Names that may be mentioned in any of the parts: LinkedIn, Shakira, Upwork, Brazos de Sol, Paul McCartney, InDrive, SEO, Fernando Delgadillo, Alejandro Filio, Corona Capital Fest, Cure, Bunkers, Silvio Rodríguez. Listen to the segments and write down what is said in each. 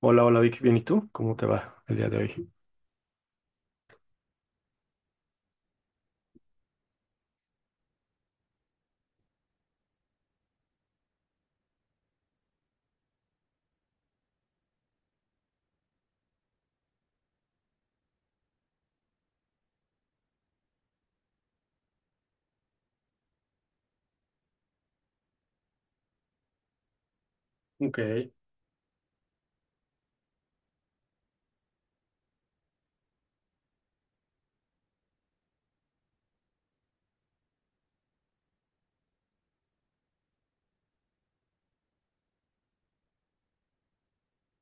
Hola, hola Vic, bien, ¿y tú? ¿Cómo te va el día de hoy? Ok,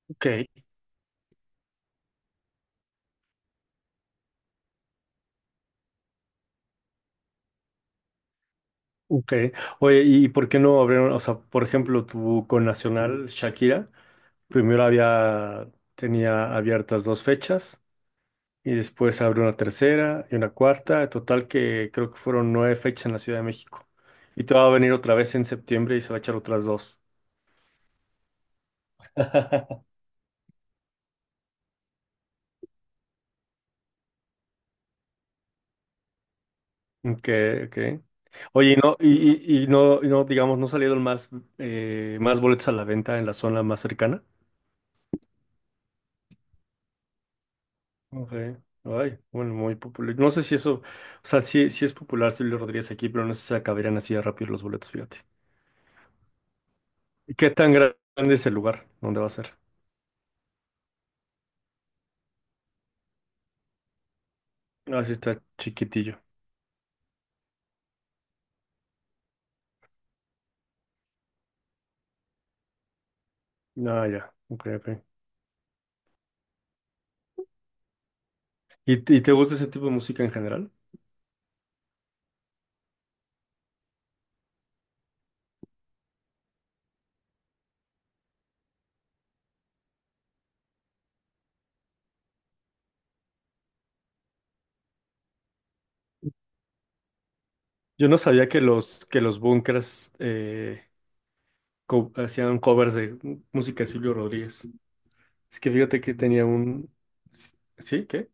ok. Ok. Oye, ¿y por qué no abrieron? O sea, por ejemplo, tu connacional Shakira, primero tenía abiertas dos fechas y después abrió una tercera y una cuarta, en total que creo que fueron nueve fechas en la Ciudad de México. Y te va a venir otra vez en septiembre y se va a echar otras dos. Ok, ok. Oye, y no, digamos, no salieron más boletos a la venta en la zona más cercana. Ok. Ay, bueno, muy popular. No sé si eso, o sea, sí, sí es popular Silvio Rodríguez aquí, pero no sé si acabarían así de rápido los boletos, fíjate. ¿Y qué tan grande es el lugar donde va a ser? Ah, sí está chiquitillo. Ah, ya. Ok, ok. ¿Y te gusta ese tipo de música en general? Yo no sabía que los Bunkers hacían covers de música de Silvio Rodríguez. Es que fíjate que tenía un... ¿Sí? ¿Qué?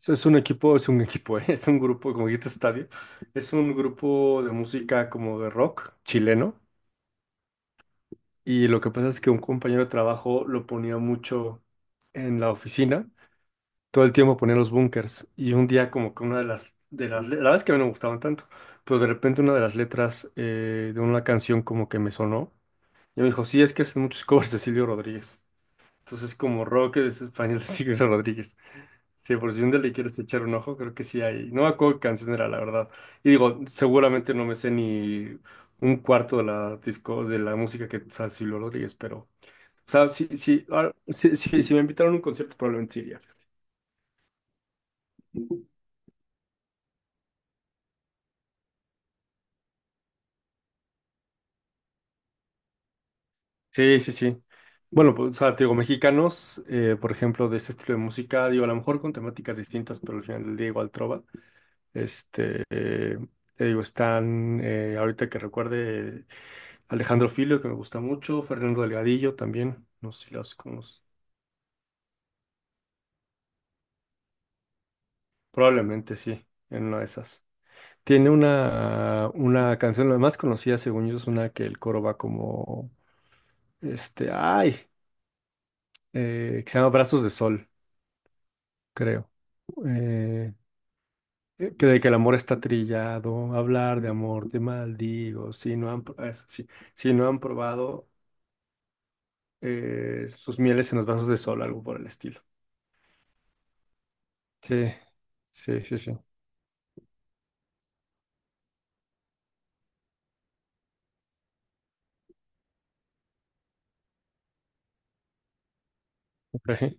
Es un equipo, es un grupo, como dijiste, estadio. Es un grupo de música como de rock chileno. Y lo que pasa es que un compañero de trabajo lo ponía mucho en la oficina. Todo el tiempo ponía los Bunkers. Y un día como que una de las, le- la verdad es que a mí no me gustaban tanto. Pero de repente una de las letras de una canción como que me sonó. Y me dijo, sí, es que hacen muchos covers de Silvio Rodríguez. Entonces como rock es español de Silvio Rodríguez. Sí, por si un día le quieres echar un ojo, creo que sí hay. No me acuerdo qué canción era, la verdad. Y digo, seguramente no me sé ni un cuarto de la disco, de la música que sabe Silvio Rodríguez, pero. O sea, sí, sí, sí, sí, si me invitaron a un concierto, probablemente sí iría. Sí, sí, sí. Bueno, pues, o sea, te digo, mexicanos, por ejemplo, de ese estilo de música, digo, a lo mejor con temáticas distintas, pero al final del día igual trova. Este, te digo, están, ahorita que recuerde, Alejandro Filio, que me gusta mucho, Fernando Delgadillo también, no sé si los conoces. Probablemente sí, en una de esas. Tiene una canción, la más conocida, según yo, es una que el coro va como, este, ay, que se llama Brazos de Sol, creo. Eh, que de que el amor está trillado, hablar de amor, te maldigo, si no han probado. Sus mieles en los brazos de sol, algo por el estilo. Sí, sí, sí, sí. Ok.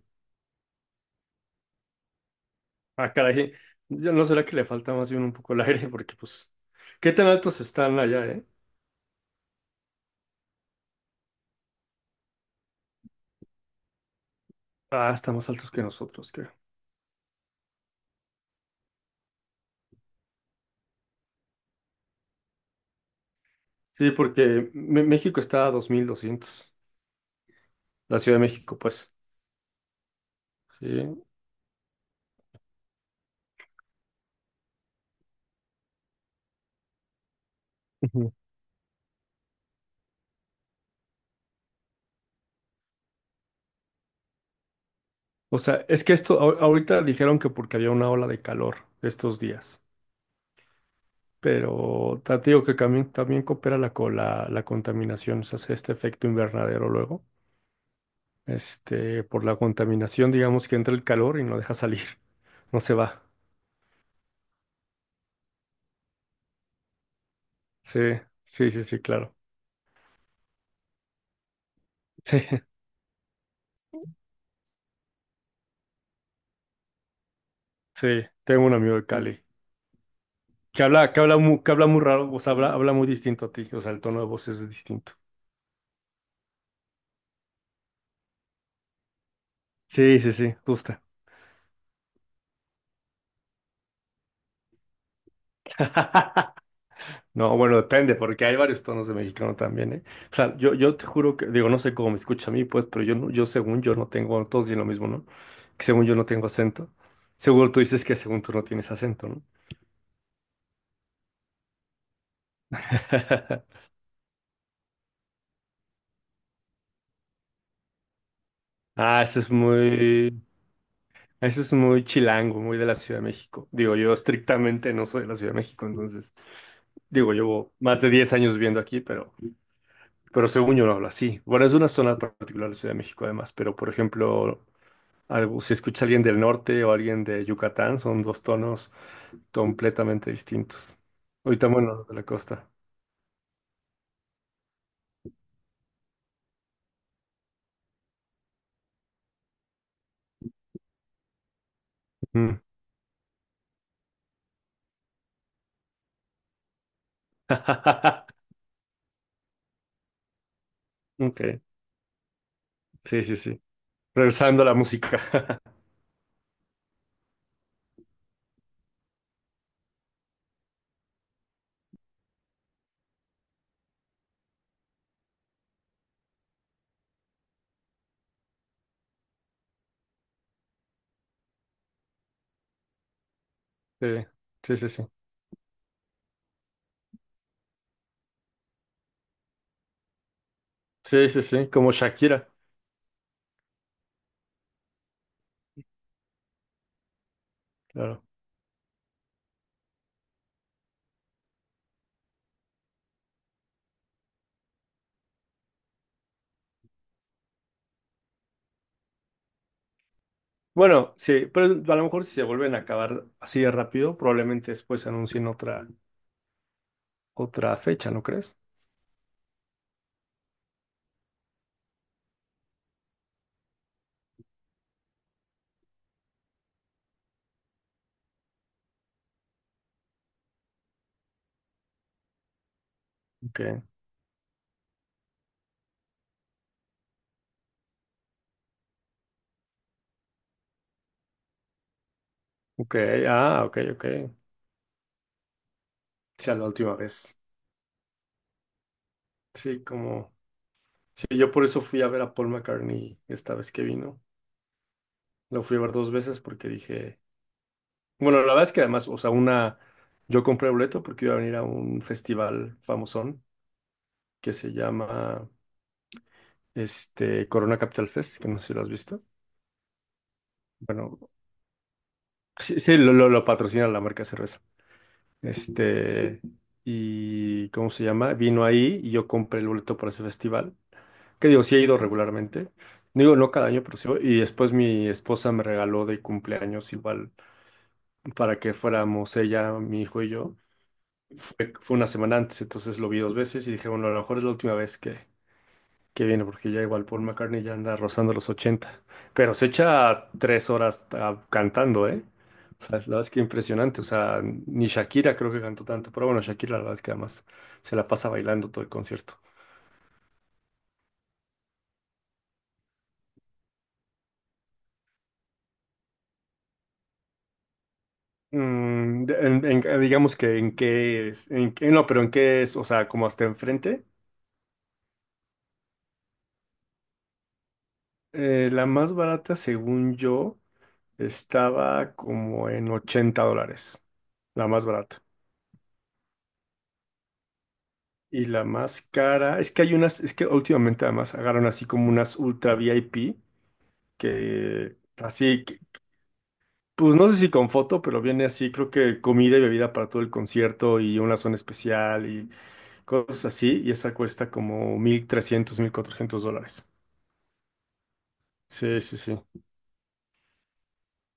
Ah, caray. Yo no será que le falta más bien un poco el aire, porque pues, ¿qué tan altos están allá, eh? Ah, están más altos que nosotros, creo. Sí, porque México está a 2,200 la Ciudad de México, pues. Sí. Ujú. O sea, es que esto, ahorita dijeron que porque había una ola de calor estos días, pero te digo que también coopera la contaminación, o sea, hace este efecto invernadero luego. Este, por la contaminación, digamos que entra el calor y no deja salir, no se va. Sí, sí, sí, sí, claro. Sí, sí, tengo un amigo de Cali que habla muy raro, o sea, habla muy distinto a ti, o sea, el tono de voz es distinto. Sí, sí, sí, justo. No, bueno, depende, porque hay varios tonos de mexicano también, ¿eh? O sea, yo te juro que, digo, no sé cómo me escucha a mí, pues, pero yo según yo no tengo, todos dicen lo mismo, ¿no? Que según yo no tengo acento. Seguro tú dices que según tú no tienes acento, ¿no? Ah, eso es muy, chilango, muy de la Ciudad de México. Digo, yo estrictamente no soy de la Ciudad de México, entonces, digo, llevo más de 10 años viviendo aquí, pero, según yo no hablo así. Bueno, es una zona particular de la Ciudad de México además, pero por ejemplo, algo, si escucha alguien del norte o alguien de Yucatán, son dos tonos completamente distintos. Ahorita, bueno, de la costa. Mm. Ok, sí, sí, sí. Regresando a la música. Sí, sí, sí, sí. Sí, sí, sí, como Shakira. Claro. Bueno, sí, pero a lo mejor si se vuelven a acabar así de rápido, probablemente después anuncien otra fecha, ¿no crees? Ok, ok, ah, ok, ok. Sea la última vez. Sí, como. Sí, yo por eso fui a ver a Paul McCartney esta vez que vino. Lo fui a ver dos veces porque dije. Bueno, la verdad es que además, o sea, una. Yo compré boleto porque iba a venir a un festival famosón que se llama este Corona Capital Fest, que no sé si lo has visto. Bueno, sí, sí, lo patrocina la marca cerveza. Este, y ¿cómo se llama? Vino ahí y yo compré el boleto para ese festival. Que digo, sí he ido regularmente. No digo, no cada año, pero sí, voy. Y después mi esposa me regaló de cumpleaños igual para que fuéramos ella, mi hijo y yo. Fue una semana antes, entonces lo vi dos veces y dije, bueno, a lo mejor es la última vez que qué viene, porque ya igual Paul McCartney ya anda rozando los 80. Pero se echa 3 horas cantando, ¿eh? O sea, la verdad es que impresionante. O sea, ni Shakira creo que cantó tanto. Pero bueno, Shakira la verdad es que además se la pasa bailando todo el concierto. Mm, digamos que en qué es, no, pero en qué es, o sea, como hasta enfrente. La más barata, según yo, estaba como en 80 dólares. La más barata. Y la más cara, es que últimamente además agarran así como unas ultra VIP, que así, que- pues no sé si con foto, pero viene así, creo que comida y bebida para todo el concierto y una zona especial y cosas así, y esa cuesta como 1,300, 1,400 dólares. Sí, sí, sí.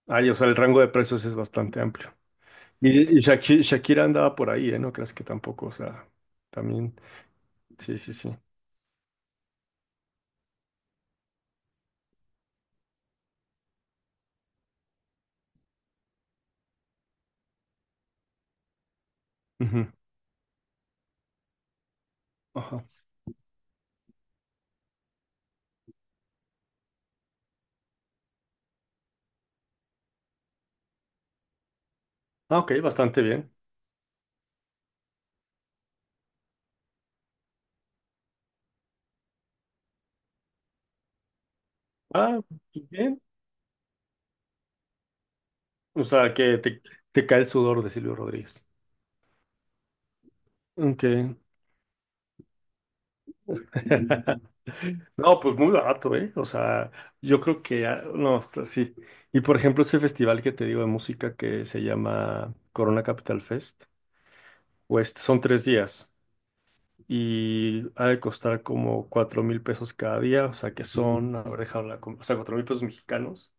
Ay, o sea, el rango de precios es bastante amplio. Y, Shakira andaba por ahí, ¿eh? No creas que tampoco, o sea, también, sí, sí, sí. Ujú, ajá. Ah, ok, bastante bien. Ah, pues bien. O sea, que te cae el sudor de Silvio Rodríguez. Okay. No, pues muy barato, ¿eh? O sea, yo creo que, ah, no, hasta sí. Y por ejemplo, ese festival que te digo de música que se llama Corona Capital Fest, pues son 3 días y ha de costar como 4,000 pesos cada día. O sea, que son. A ver, o sea, 4,000 pesos mexicanos.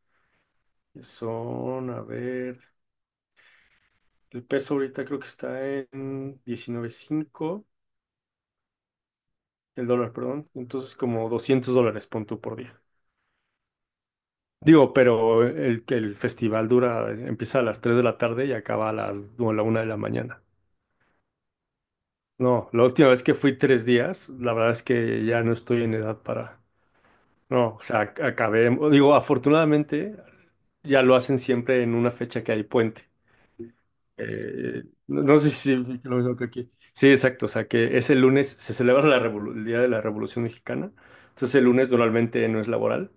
Que son, a ver. El peso ahorita creo que está en 19.5. El dólar, perdón. Entonces, como 200 dólares, pon tú, por día. Digo, pero el festival dura, empieza a las 3 de la tarde y acaba a las o a la 1 de la mañana. No, la última vez que fui 3 días, la verdad es que ya no estoy en edad para... No, o sea, acabé... Digo, afortunadamente ya lo hacen siempre en una fecha que hay puente. No no sé si sí, lo mismo que aquí. Sí, exacto. O sea, que ese lunes se celebra el Día de la Revolución Mexicana. Entonces, el lunes normalmente no es laboral.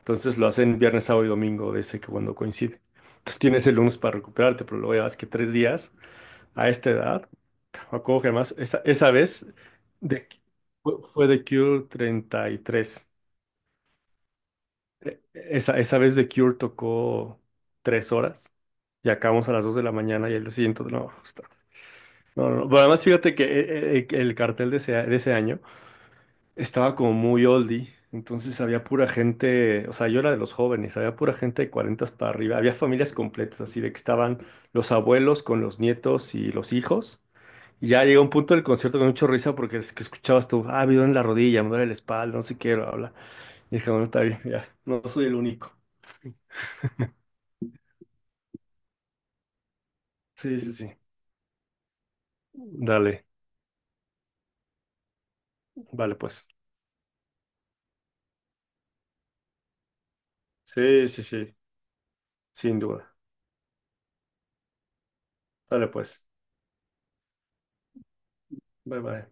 Entonces, lo hacen viernes, sábado y domingo, de ese que cuando coincide. Entonces, tienes el lunes para recuperarte, pero luego ya ves que 3 días a esta edad. Me acuerdo que además, esa de, fue de Cure 33. Esa, vez de Cure tocó 3 horas y acabamos a las 2 de la mañana y el día siguiente, no. No, no, no. Pero además fíjate que el cartel de ese, año estaba como muy oldie, entonces había pura gente, o sea, yo era de los jóvenes, había pura gente de 40 para arriba, había familias completas, así de que estaban los abuelos con los nietos y los hijos. Y ya llegó un punto del concierto con mucha risa porque es que escuchabas tú, ah, me duele la rodilla, me duele la espalda, no sé qué, bla, bla. Y dije, bueno, está bien, ya, no soy el único. Sí, sí, sí. Dale, vale pues. Sí, sí, sí, sin duda. Dale pues. Bye, bye.